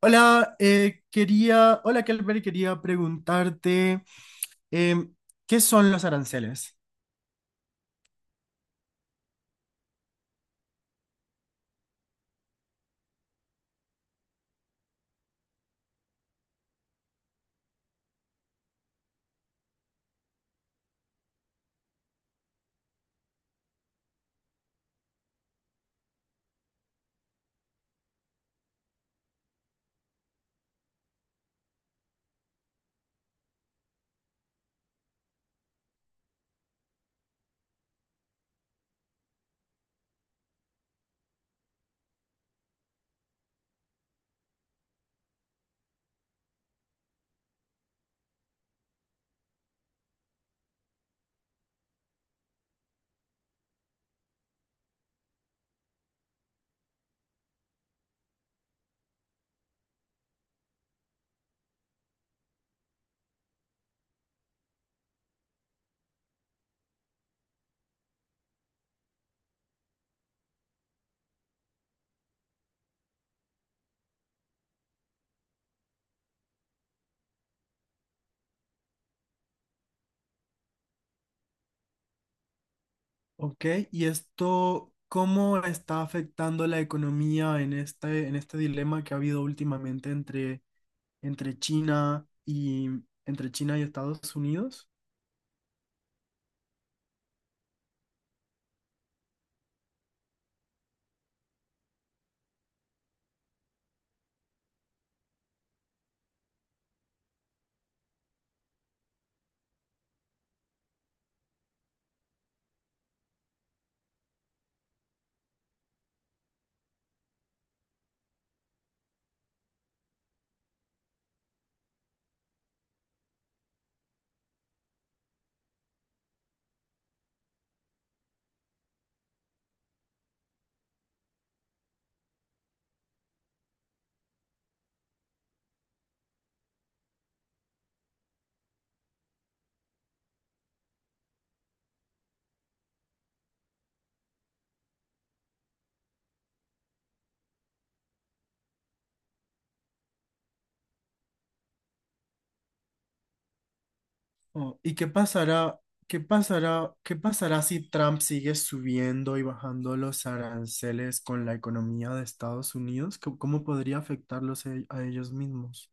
Hola, quería, hola Kelber, quería preguntarte em, ¿qué son los aranceles? ¿Ok? Y esto, ¿cómo está afectando la economía en este dilema que ha habido últimamente entre, entre China y entre China y Estados Unidos? Oh, ¿qué pasará si Trump sigue subiendo y bajando los aranceles con la economía de Estados Unidos? ¿Cómo, cómo podría afectarlos a ellos mismos?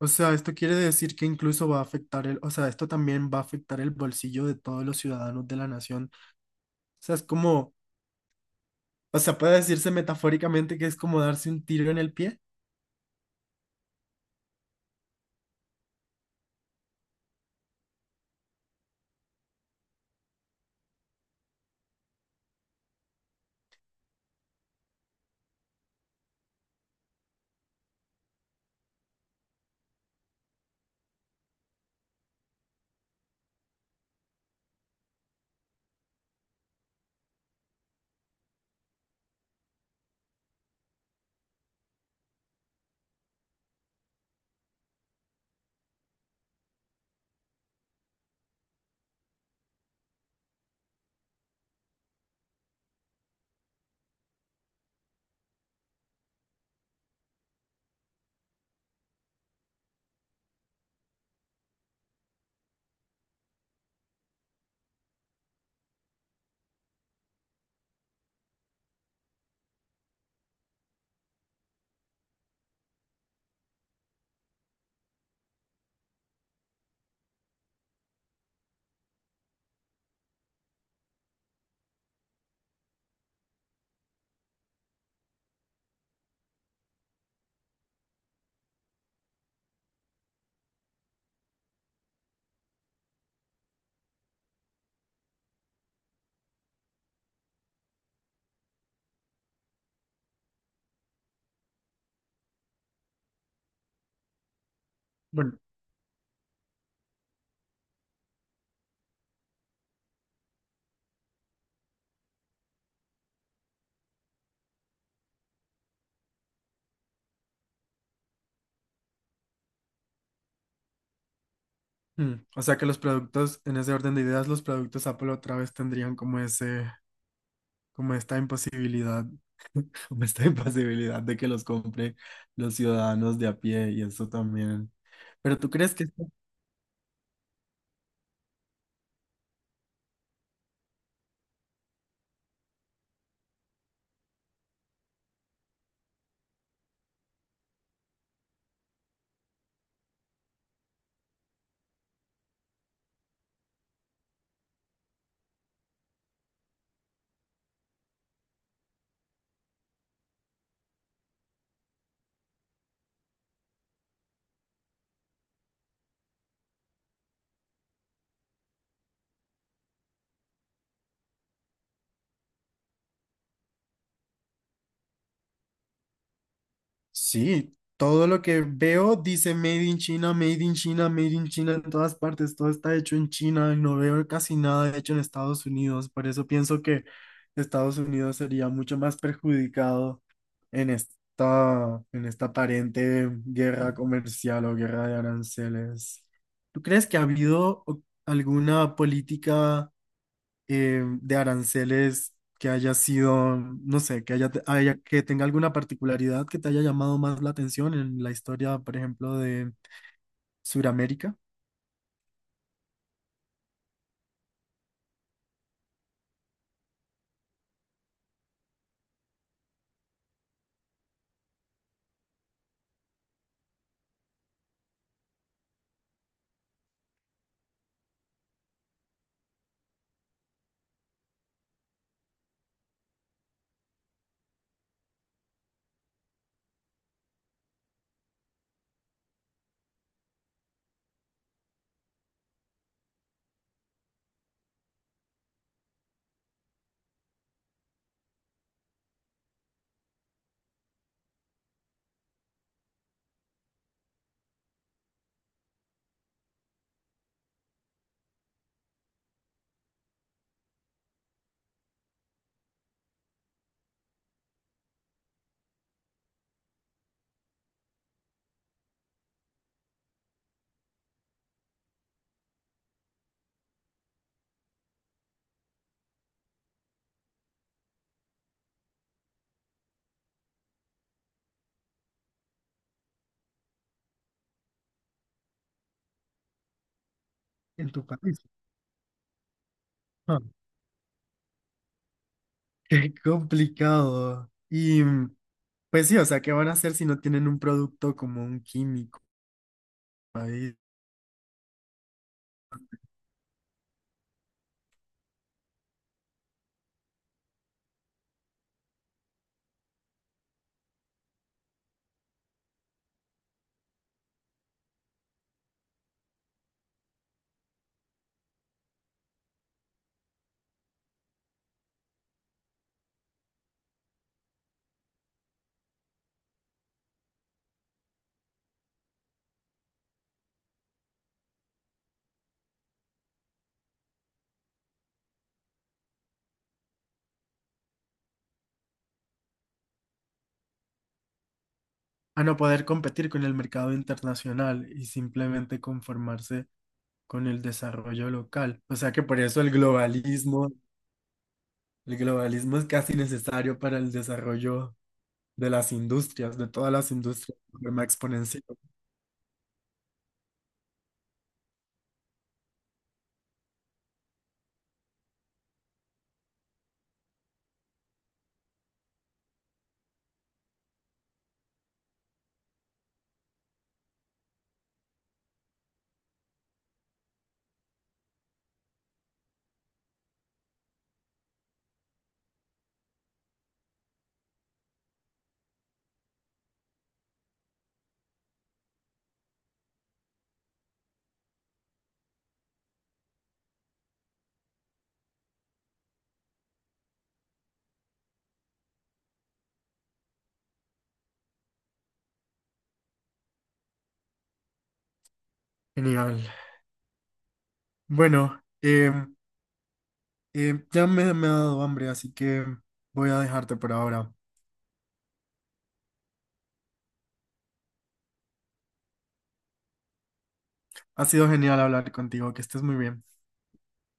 O sea, esto quiere decir que incluso va a afectar esto también va a afectar el bolsillo de todos los ciudadanos de la nación. O sea, es como, o sea, puede decirse metafóricamente que es como darse un tiro en el pie. Bueno, mm, o sea que los productos, en ese orden de ideas, los productos Apple otra vez tendrían como ese, como esta imposibilidad, como esta imposibilidad de que los compren los ciudadanos de a pie y eso también. Pero ¿tú crees que esto? Sí, todo lo que veo dice Made in China, Made in China, Made in China en todas partes, todo está hecho en China, no veo casi nada hecho en Estados Unidos, por eso pienso que Estados Unidos sería mucho más perjudicado en esta aparente guerra comercial o guerra de aranceles. ¿Tú crees que ha habido alguna política, de aranceles que haya sido, no sé, que tenga alguna particularidad que te haya llamado más la atención en la historia, por ejemplo, de Sudamérica en tu país? Ah, qué complicado. Y mm, pues sí, o sea, ¿qué van a hacer si no tienen un producto como un químico ahí? A no poder competir con el mercado internacional y simplemente conformarse con el desarrollo local. O sea que por eso el globalismo es casi necesario para el desarrollo de las industrias, de todas las industrias, de forma exponencial. Genial. Bueno, ya me ha dado hambre, así que voy a dejarte por ahora. Ha sido genial hablar contigo, que estés muy bien.